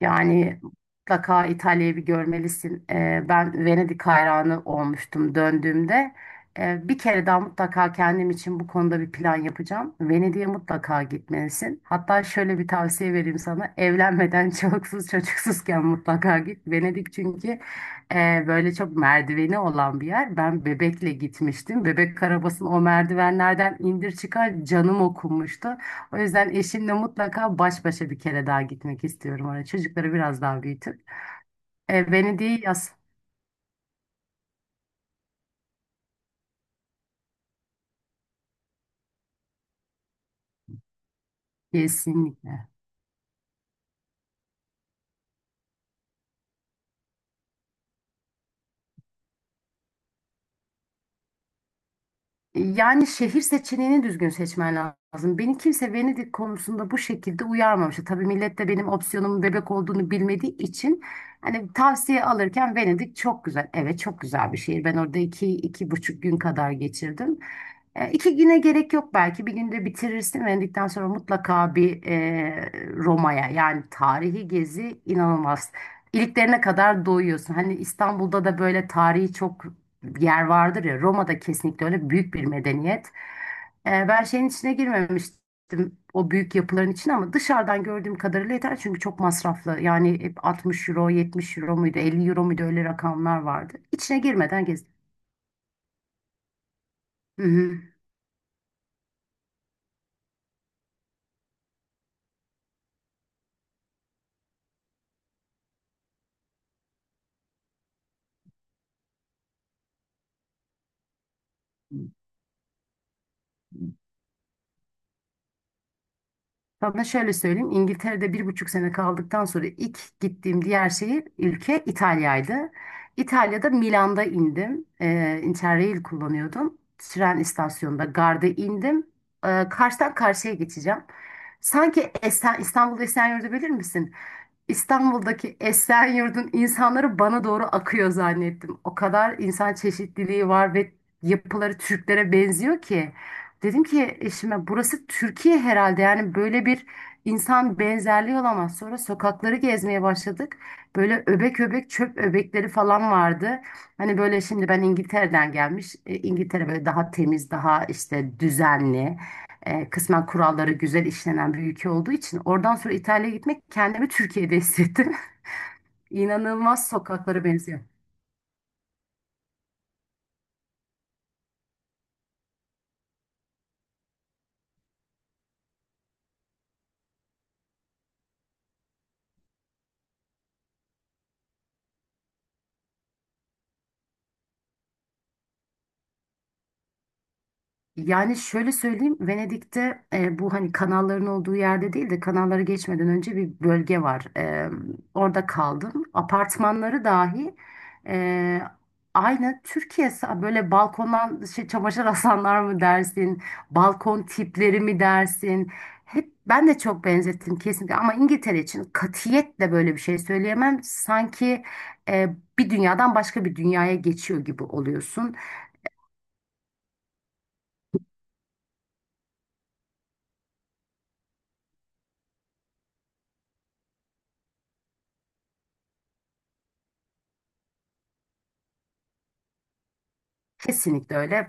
Yani mutlaka İtalya'yı bir görmelisin. Ben Venedik hayranı olmuştum döndüğümde. Bir kere daha mutlaka kendim için bu konuda bir plan yapacağım. Venedik'e mutlaka gitmelisin. Hatta şöyle bir tavsiye vereyim sana. Evlenmeden çoluksuz çocuksuzken mutlaka git. Venedik çünkü böyle çok merdiveni olan bir yer. Ben bebekle gitmiştim. Bebek arabasını o merdivenlerden indir çıkar canım okunmuştu. O yüzden eşimle mutlaka baş başa bir kere daha gitmek istiyorum oraya. Çocukları biraz daha büyütüp. Beni değil yaz. Kesinlikle. Yani şehir seçeneğini düzgün seçmen lazım. Beni kimse Venedik konusunda bu şekilde uyarmamıştı. Tabii millet de benim opsiyonumun bebek olduğunu bilmediği için hani tavsiye alırken Venedik çok güzel. Evet, çok güzel bir şehir. Ben orada iki, iki buçuk gün kadar geçirdim. E, iki güne gerek yok belki. Bir günde bitirirsin. Venedik'ten sonra mutlaka bir Roma'ya, yani tarihi gezi inanılmaz. İliklerine kadar doyuyorsun. Hani İstanbul'da da böyle tarihi çok bir yer vardır ya, Roma'da kesinlikle öyle büyük bir medeniyet. Ben şeyin içine girmemiştim, o büyük yapıların içine, ama dışarıdan gördüğüm kadarıyla yeter çünkü çok masraflı. Yani hep 60 euro, 70 euro muydu, 50 euro muydu, öyle rakamlar vardı. İçine girmeden gezdim. Sana şöyle söyleyeyim. İngiltere'de 1,5 sene kaldıktan sonra ilk gittiğim diğer şehir, ülke İtalya'ydı. İtalya'da Milan'da indim. Interrail kullanıyordum. Tren istasyonunda garda indim. Karşıdan karşıya geçeceğim. Sanki İstanbul'da Esenyurt'u bilir misin? İstanbul'daki Esenyurt'un insanları bana doğru akıyor zannettim. O kadar insan çeşitliliği var ve yapıları Türklere benziyor ki. Dedim ki eşime, burası Türkiye herhalde, yani böyle bir insan benzerliği olamaz. Sonra sokakları gezmeye başladık. Böyle öbek öbek çöp öbekleri falan vardı. Hani böyle şimdi ben İngiltere'den gelmiş. İngiltere böyle daha temiz, daha işte düzenli, kısmen kuralları güzel işlenen bir ülke olduğu için oradan sonra İtalya'ya gitmek kendimi Türkiye'de hissettim. İnanılmaz sokaklara benziyor. Yani şöyle söyleyeyim, Venedik'te bu hani kanalların olduğu yerde değil de, kanalları geçmeden önce bir bölge var. Orada kaldım. Apartmanları dahi e, aynı Türkiye böyle balkondan şey, çamaşır asanlar mı dersin, balkon tipleri mi dersin? Hep ben de çok benzettim kesinlikle ama İngiltere için katiyetle böyle bir şey söyleyemem. Sanki e, bir dünyadan başka bir dünyaya geçiyor gibi oluyorsun. Kesinlikle öyle.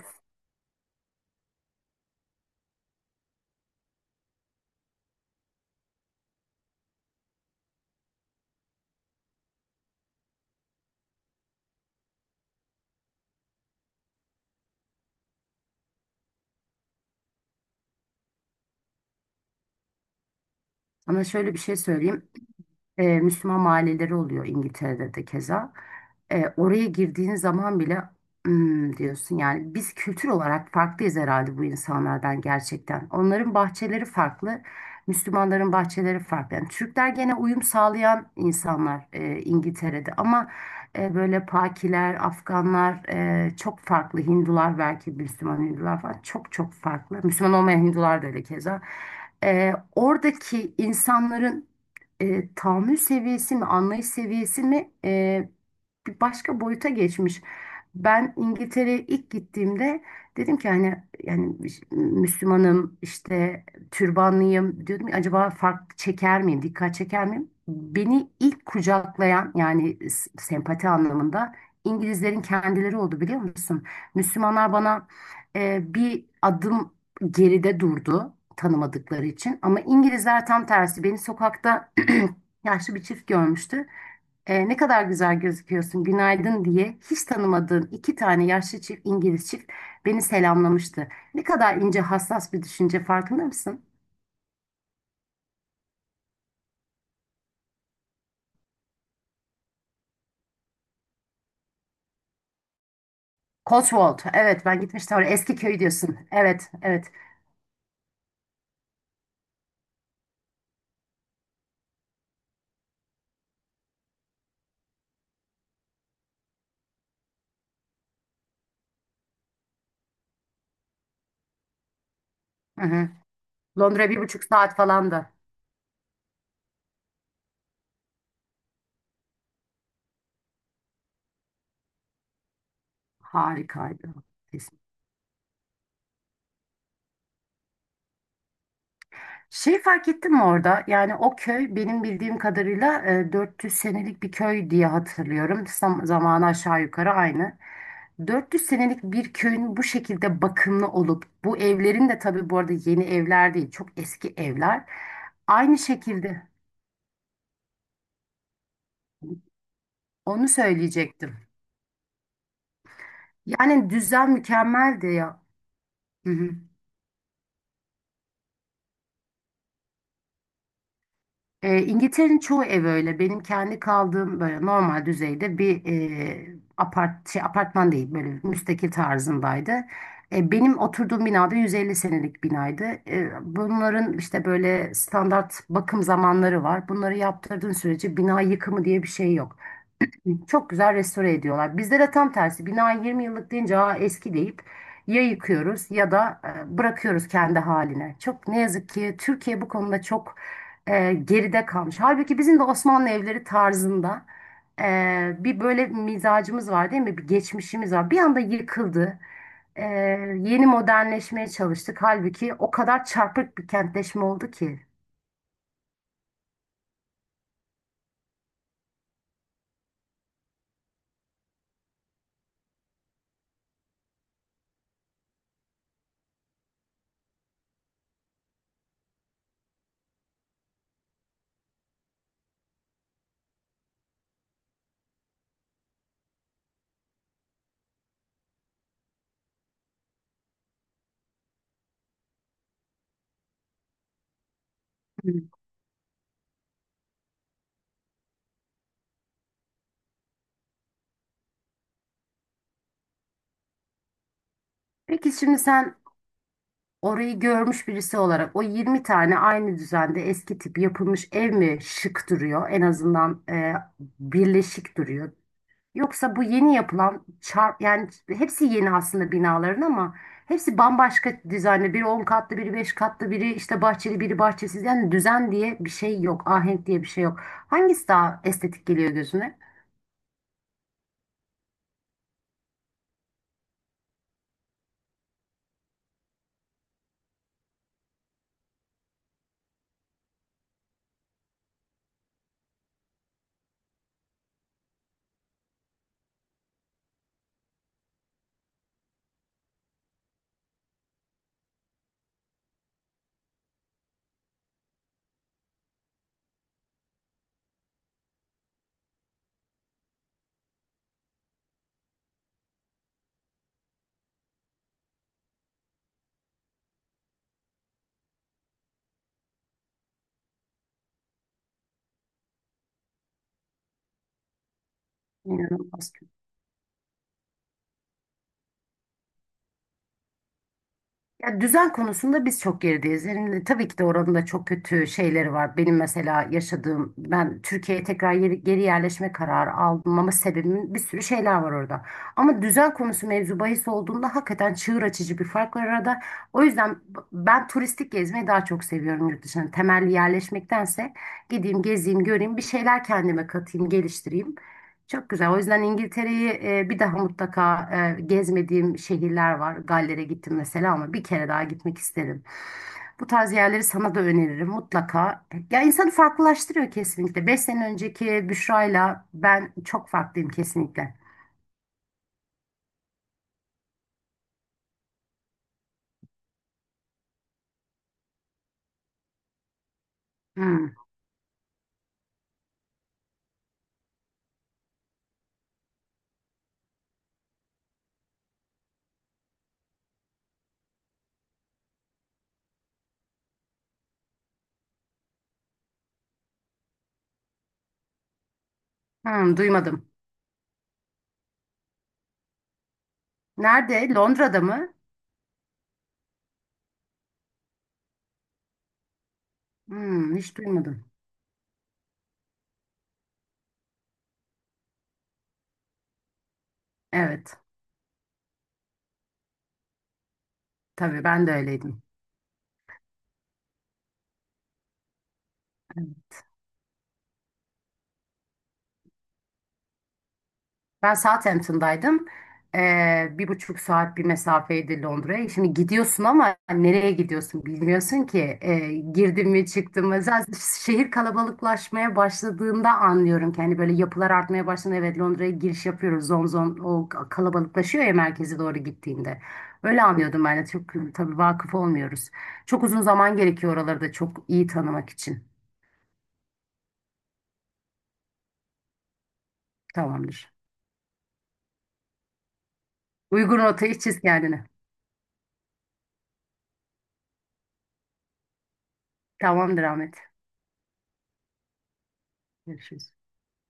Ama şöyle bir şey söyleyeyim, Müslüman mahalleleri oluyor İngiltere'de de keza. Oraya girdiğin zaman bile "Hmm," diyorsun, yani biz kültür olarak farklıyız herhalde bu insanlardan gerçekten. Onların bahçeleri farklı, Müslümanların bahçeleri farklı. Yani Türkler gene uyum sağlayan insanlar İngiltere'de, ama böyle Pakiler, Afganlar çok farklı. Hindular belki, Müslüman Hindular falan çok çok farklı. Müslüman olmayan Hindular da öyle keza. Oradaki insanların tahammül seviyesi mi, anlayış seviyesi mi bir başka boyuta geçmiş. Ben İngiltere'ye ilk gittiğimde dedim ki hani yani Müslümanım işte türbanlıyım, diyordum ki acaba fark çeker miyim, dikkat çeker miyim? Beni ilk kucaklayan, yani sempati anlamında İngilizlerin kendileri oldu, biliyor musun? Müslümanlar bana bir adım geride durdu, tanımadıkları için. Ama İngilizler tam tersi. Beni sokakta yaşlı bir çift görmüştü. "Ne kadar güzel gözüküyorsun, günaydın," diye hiç tanımadığım iki tane yaşlı çift, İngiliz çift, beni selamlamıştı. Ne kadar ince, hassas bir düşünce, farkında mısın? Cotswold. Evet, ben gitmiştim oraya. Eski köy diyorsun. Evet, evet. Hı hı. Londra 1,5 saat falan da harikaydı. Şey fark ettin mi orada? Yani o köy benim bildiğim kadarıyla 400 senelik bir köy diye hatırlıyorum. Zamanı aşağı yukarı aynı. 400 senelik bir köyün bu şekilde bakımlı olup, bu evlerin de, tabii bu arada, yeni evler değil, çok eski evler. Aynı şekilde onu söyleyecektim. Yani düzen mükemmeldi ya. İngiltere'nin çoğu ev öyle. Benim kendi kaldığım böyle normal düzeyde bir apartman değil, böyle müstakil tarzındaydı. Benim oturduğum binada 150 senelik binaydı. Bunların işte böyle standart bakım zamanları var. Bunları yaptırdığın sürece bina yıkımı diye bir şey yok. Çok güzel restore ediyorlar. Bizde de tam tersi. Bina 20 yıllık deyince, "Aa, eski," deyip ya yıkıyoruz ya da bırakıyoruz kendi haline. Çok ne yazık ki Türkiye bu konuda çok geride kalmış. Halbuki bizim de Osmanlı evleri tarzında bir böyle mizacımız var, değil mi? Bir geçmişimiz var. Bir anda yıkıldı. E, yeni modernleşmeye çalıştık. Halbuki o kadar çarpık bir kentleşme oldu ki. Hı. Peki, şimdi sen, orayı görmüş birisi olarak o 20 tane aynı düzende eski tip yapılmış ev mi şık duruyor? En azından birleşik duruyor. Yoksa bu yeni yapılan yani hepsi yeni aslında binaların, ama hepsi bambaşka dizaynlı. Biri 10 katlı, biri 5 katlı, biri işte bahçeli, biri bahçesiz. Yani düzen diye bir şey yok, ahenk diye bir şey yok. Hangisi daha estetik geliyor gözüne? İnanılmaz. Ya düzen konusunda biz çok gerideyiz. Yani tabii ki de oranın da çok kötü şeyleri var. Benim mesela yaşadığım, ben Türkiye'ye tekrar geri yerleşme kararı aldım, ama sebebimin bir sürü şeyler var orada. Ama düzen konusu mevzu bahis olduğunda hakikaten çığır açıcı bir fark var arada. O yüzden ben turistik gezmeyi daha çok seviyorum yurt dışına. Temelli yerleşmektense gideyim, gezeyim, göreyim, bir şeyler kendime katayım, geliştireyim. Çok güzel. O yüzden İngiltere'yi bir daha mutlaka gezmediğim şehirler var. Galler'e gittim mesela ama bir kere daha gitmek isterim. Bu tarz yerleri sana da öneririm mutlaka. Ya insanı farklılaştırıyor kesinlikle. 5 sene önceki Büşra'yla ben çok farklıyım kesinlikle. Hmm, hmm, duymadım. Nerede? Londra'da mı? Hmm, hiç duymadım. Evet. Tabii ben de öyleydim. Ben Southampton'daydım. Bir buçuk saat bir mesafeydi Londra'ya. Şimdi gidiyorsun ama nereye gidiyorsun bilmiyorsun ki. Girdim mi çıktım mı. Zaten şehir kalabalıklaşmaya başladığında anlıyorum ki hani böyle yapılar artmaya başladığında, evet, Londra'ya giriş yapıyoruz. Zon zon o kalabalıklaşıyor ya, merkeze doğru gittiğinde. Öyle anlıyordum ben de. Çok tabii vakıf olmuyoruz. Çok uzun zaman gerekiyor oraları da çok iyi tanımak için. Tamamdır. Uygun rotayı çiz kendine. Tamamdır Ahmet. Görüşürüz.